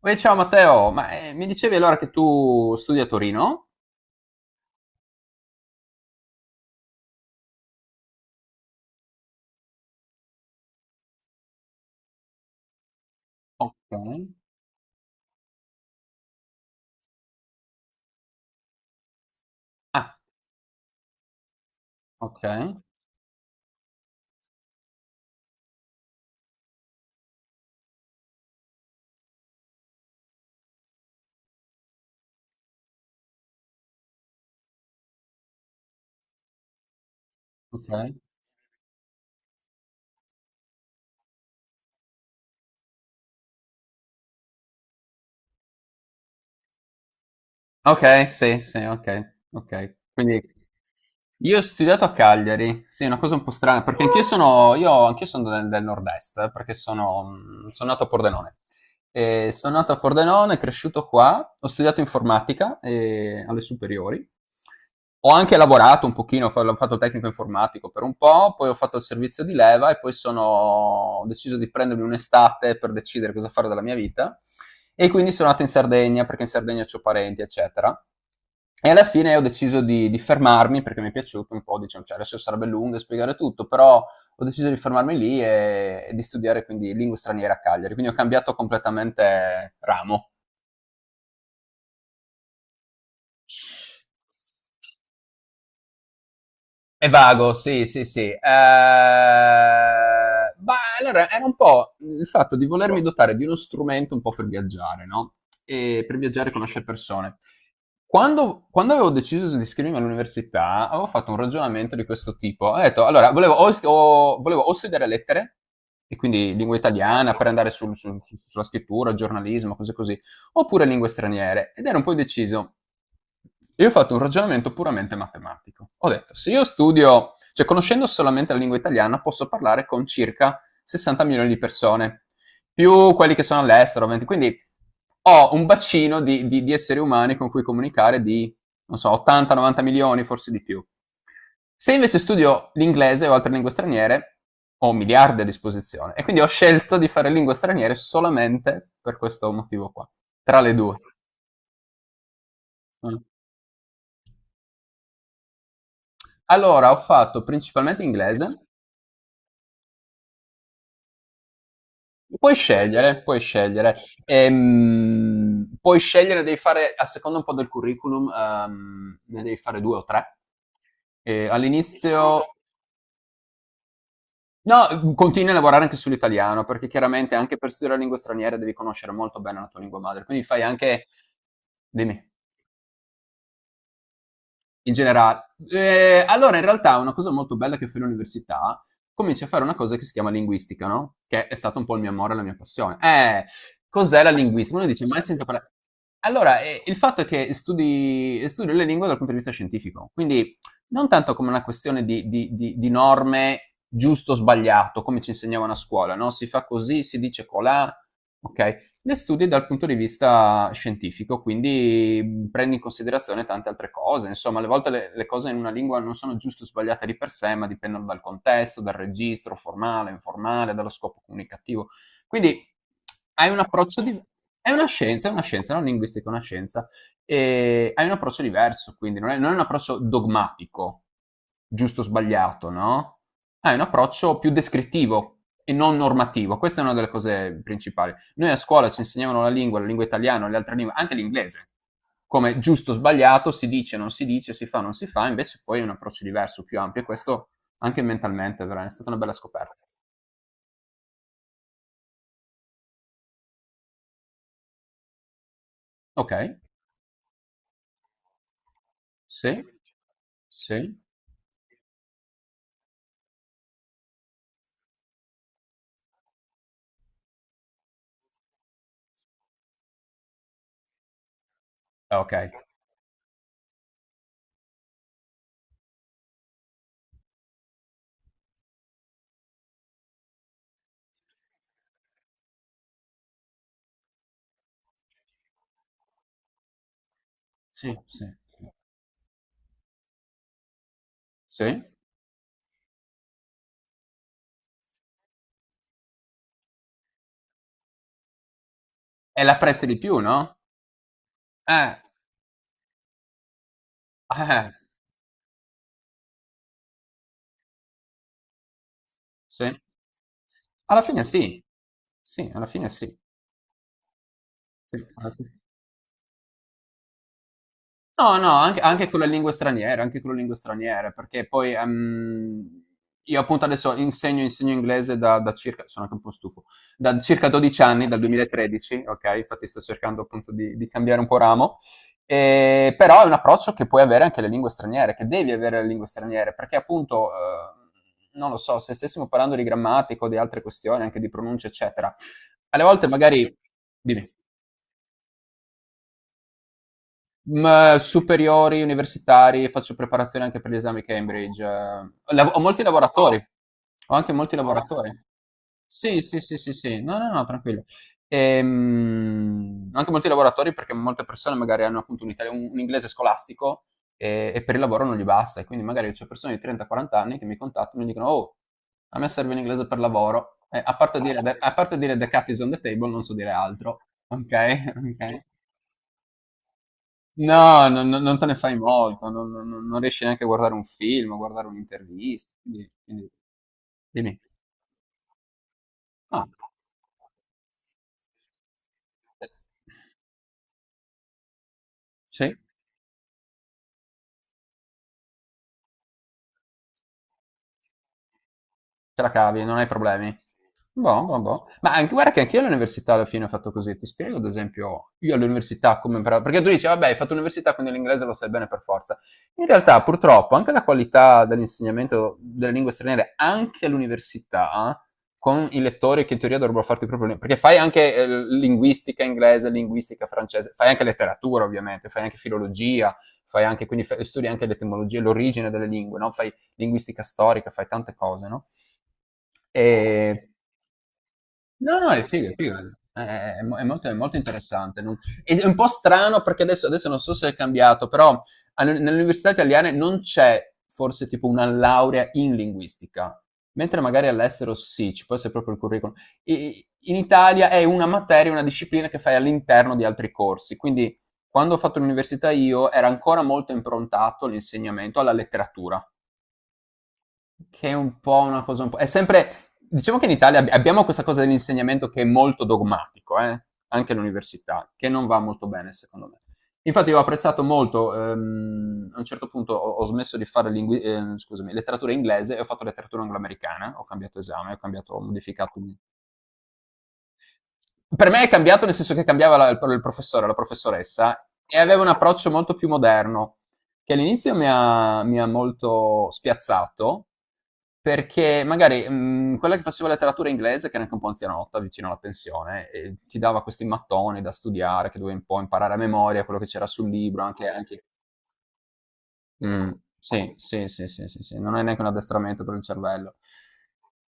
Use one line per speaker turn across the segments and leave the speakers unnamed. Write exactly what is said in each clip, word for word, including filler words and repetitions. Uè, ciao Matteo, ma eh, mi dicevi allora che tu studi a Torino? Ok. Ah, ok, ok. Ok, sì, sì, ok, ok. Quindi io ho studiato a Cagliari, sì, è una cosa un po' strana, perché anch'io sono, io, anch'io sono del, del nord-est, eh, perché sono, mh, sono nato a Pordenone. Eh, sono nato a Pordenone, cresciuto qua, ho studiato informatica eh, alle superiori. Ho anche lavorato un pochino, ho fa- ho fatto il tecnico informatico per un po', poi ho fatto il servizio di leva e poi sono, ho deciso di prendermi un'estate per decidere cosa fare della mia vita. E quindi sono nato in Sardegna perché in Sardegna ho parenti, eccetera. E alla fine ho deciso di, di fermarmi perché mi è piaciuto un po', diciamo, cioè adesso sarebbe lungo spiegare tutto, però ho deciso di fermarmi lì e, e di studiare quindi lingue straniere a Cagliari, quindi ho cambiato completamente ramo. È vago, sì, sì, sì. Eh, ma allora era un po' il fatto di volermi dotare di uno strumento un po' per viaggiare, no? E per viaggiare e conoscere persone. Quando, quando avevo deciso di iscrivermi all'università, avevo fatto un ragionamento di questo tipo. Ho detto, allora, volevo o, is- o- volevo o studiare lettere, e quindi lingua italiana, per andare sul- sul- sul- sulla scrittura, giornalismo, cose così, oppure lingue straniere, ed ero un po' indeciso. Io ho fatto un ragionamento puramente matematico. Ho detto, se io studio, cioè conoscendo solamente la lingua italiana, posso parlare con circa sessanta milioni di persone, più quelli che sono all'estero, venti. Quindi ho un bacino di, di- di esseri umani con cui comunicare di, non so, ottanta a novanta milioni, forse di più. Se invece studio l'inglese o altre lingue straniere, ho miliardi a disposizione e quindi ho scelto di fare lingue straniere solamente per questo motivo qua, tra le due. Mm. Allora, ho fatto principalmente inglese, puoi scegliere, puoi scegliere. Ehm, puoi scegliere, devi fare, a seconda un po' del curriculum, ehm, ne devi fare due o tre. E all'inizio. No, mhmm, continui a lavorare anche sull'italiano, perché chiaramente anche per studiare la lingua straniera devi conoscere molto bene la tua lingua madre, quindi fai anche. Dimmi. In generale. Eh, allora, in realtà, una cosa molto bella che fai all'università, cominci a fare una cosa che si chiama linguistica, no? Che è stato un po' il mio amore, la mia passione. Eh, cos'è la linguistica? Uno dice, mai sentito parlare. Allora, eh, il fatto è che studi, studio le lingue dal punto di vista scientifico, quindi non tanto come una questione di, di- di- di norme giusto o sbagliato, come ci insegnavano a scuola, no? Si fa così, si dice colà, ok? Le studi dal punto di vista scientifico, quindi prendi in considerazione tante altre cose. Insomma, alle volte le, le cose in una lingua non sono giusto o sbagliate di per sé, ma dipendono dal contesto, dal registro formale, informale, dallo scopo comunicativo. Quindi hai un approccio di. È una scienza, è una scienza, non linguistica, è una scienza. E hai un approccio diverso, quindi non è, non è un approccio dogmatico, giusto o sbagliato, no? Hai un approccio più descrittivo e non normativo. Questa è una delle cose principali. Noi a scuola ci insegnavano la lingua, la lingua italiana, le altre lingue, anche l'inglese, come giusto o sbagliato, si dice, non si dice, si fa, non si fa, invece poi è un approccio diverso, più ampio, e questo anche mentalmente veramente è stata una bella scoperta. Ok, sì, sì, ah, ok, sì, sì, sì. E l'apprezzi di più, no? Eh, eh, sì. Alla fine sì, sì, alla fine sì. Sì, alla fine. No, no, anche anche con le lingue straniere, anche con le lingue straniere, perché poi, ehm, io appunto adesso insegno insegno inglese da da circa sono anche un po' stufo, da circa dodici anni, dal duemilatredici, okay, infatti sto cercando appunto di di cambiare un po' ramo, ehm, però è un approccio che puoi avere anche alle lingue straniere, che devi avere alle lingue straniere, perché appunto, ehm, non lo so, se stessimo parlando di grammatica o di altre questioni, anche di pronuncia eccetera, alle volte magari. Dimmi. Mhmm, Superiori, universitari, faccio preparazione anche per gli esami Cambridge. Eh, Lav Ho molti Ah. lavoratori, ho anche molti Ah. lavoratori. Sì, sì, sì, sì, sì. No, no, no, tranquillo. Ehm, anche molti lavoratori perché molte persone magari hanno appunto un italia un un inglese scolastico, e e per il lavoro non gli basta, e quindi magari c'ho persone di trenta, quaranta anni che mi contattano e mi dicono: "Oh, a me serve l'inglese per lavoro." E a parte Ah, dire the okay. a parte dire "the cat is on the table", non so dire altro, okay, okay. No, non non non te ne fai molto, non non non non riesci neanche a guardare un film, o guardare un'intervista, quindi quindi dimmi. Ah. Eh, sì. Te la cavi, non hai problemi. Boh, boh, boh. Ma anche, guarda che anche io all'università alla fine ho fatto così. Ti spiego, ad esempio, io all'università come imparato. Perché tu dici, vabbè, hai fatto l'università, quindi l'inglese lo sai bene per forza. In realtà, purtroppo, anche la qualità dell'insegnamento delle lingue straniere, anche all'università, con i lettori che in teoria dovrebbero farti proprio. Perché fai anche eh, linguistica inglese, linguistica francese, fai anche letteratura, ovviamente, fai anche filologia, fai anche, quindi fai- studi anche l'etimologia, l'origine delle lingue, no? Fai linguistica storica, fai tante cose, no? E... No, no, è figo, è figo. È, è mo- è molto, è molto interessante. non- È un po' strano perché adesso, adesso non so se è cambiato, però all- nelle università italiane non c'è forse tipo una laurea in linguistica, mentre magari all'estero sì, ci può essere proprio il curriculum. I- in Italia è una materia, una disciplina che fai all'interno di altri corsi, quindi quando ho fatto l'università io era ancora molto improntato l'insegnamento alla letteratura, che è un po' una cosa, un po' è sempre. Diciamo che in Italia ab abbiamo questa cosa dell'insegnamento che è molto dogmatico, eh, anche all'università, che non va molto bene secondo me. Infatti io ho apprezzato molto, ehm, a un certo punto ho, ho smesso di fare lingui ehm, scusami, letteratura inglese e ho fatto letteratura angloamericana, ho cambiato esame, ho cambiato, ho modificato. Per me è cambiato nel senso che cambiava la- il il professore, la professoressa, e aveva un approccio molto più moderno, che all'inizio mi ha, mi ha molto spiazzato, perché magari mh, quella che faceva letteratura inglese, che era anche un po' anzianotta, vicino alla pensione, e ti dava questi mattoni da studiare, che dovevi un po' imparare a memoria quello che c'era sul libro, anche, anche. Mh. Sì, sì, sì, sì, sì, sì, non è neanche un addestramento per il cervello.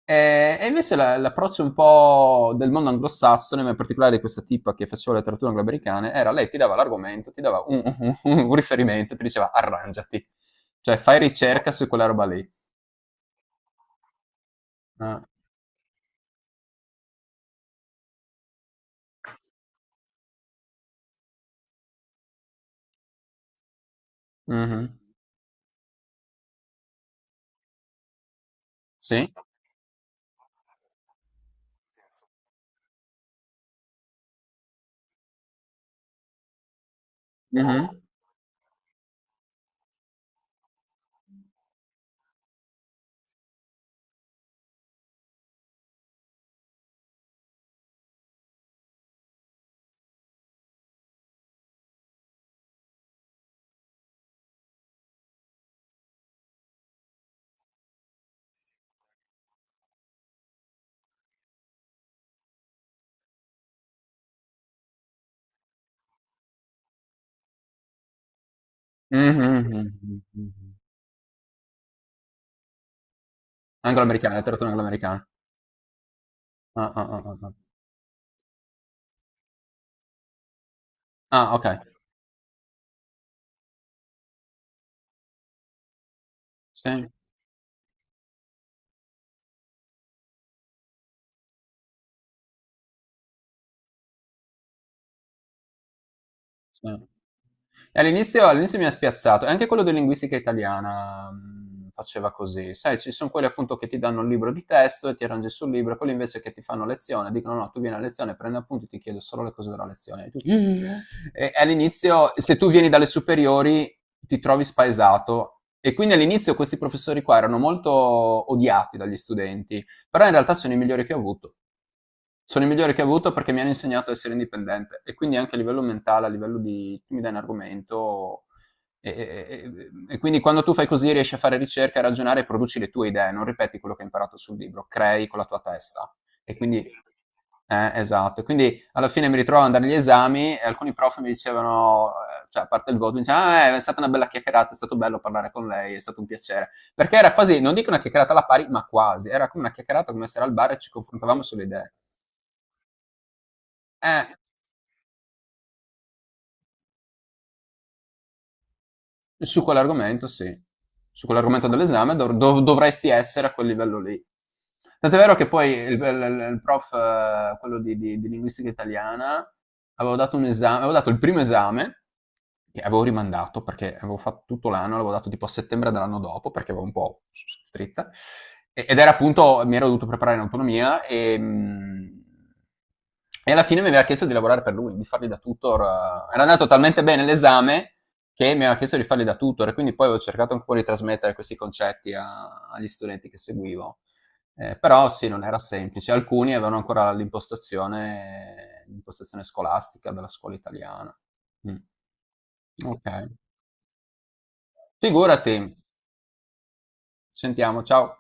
Ehm, e invece la l'approccio un po' del mondo anglosassone, ma in particolare di questa tipa che faceva letteratura angloamericana, era lei ti dava l'argomento, ti dava un un un- un riferimento, ti diceva: "Arrangiati." Cioè, fai ricerca su quella roba lì. Ah. Mh-mh. Sì. Mh-mh. Mh-mh, mh-mh, mh-mh. Angloamericana, letteratura angloamericana. Ah, ah, ah, ah, ah. Ah, okay. Sì. Sì. E all'inizio all'inizio mi ha spiazzato, e anche quello di linguistica italiana, mhmm, faceva così. Sai, ci son quelli appunto che ti danno un libro di testo e ti arrangi sul libro, e quelli invece che ti fanno lezione, dicono: "No, tu vieni a lezione, prendi appunti, ti chiedo solo le cose della lezione". E tu. Mh. E all'inizio se tu vieni dalle superiori ti trovi spaesato, e quindi all'inizio questi professori qua erano molto odiati dagli studenti, però in realtà sono i migliori che ho avuto. Sono i migliori che ho avuto perché mi hanno insegnato a essere indipendente e quindi anche a livello mentale, a livello di tu mi dai un argomento e, e- e- e quindi quando tu fai così riesci a fare ricerca, a ragionare e produci le tue idee, non ripeti quello che hai imparato sul libro, crei con la tua testa. E quindi, eh, esatto. E quindi alla fine mi ritrovo ad andare agli esami e alcuni prof mi dicevano, eh, cioè a parte il voto, mi dicevano: "Ah, eh, è stata una bella chiacchierata, è stato bello parlare con lei, è stato un piacere." Perché era quasi, non dico una chiacchierata alla pari, ma quasi, era come una chiacchierata come essere al bar e ci confrontavamo sulle idee. Eh, Su quell'argomento sì, su quell'argomento dell'esame dov- dov- dovresti essere a quel livello lì. Tant'è vero che poi il, il- il prof, eh, quello di, di- di linguistica italiana, avevo dato un esame, avevo dato il primo esame, che avevo rimandato perché avevo fatto tutto l'anno, l'avevo dato tipo a settembre dell'anno dopo perché avevo un po' strizza, E- ed era appunto, mi ero dovuto preparare in autonomia e... mm, e alla fine mi aveva chiesto di lavorare per lui, di fargli da tutor. Eh. Era andato talmente bene l'esame che mi aveva chiesto di farli da tutor e quindi poi avevo cercato un po' di trasmettere questi concetti a- agli studenti che seguivo. Eh, però sì, non era semplice. Alcuni avevano ancora l'impostazione, l'impostazione scolastica della scuola italiana. Mm. Ok. Figurati, ci sentiamo, ciao.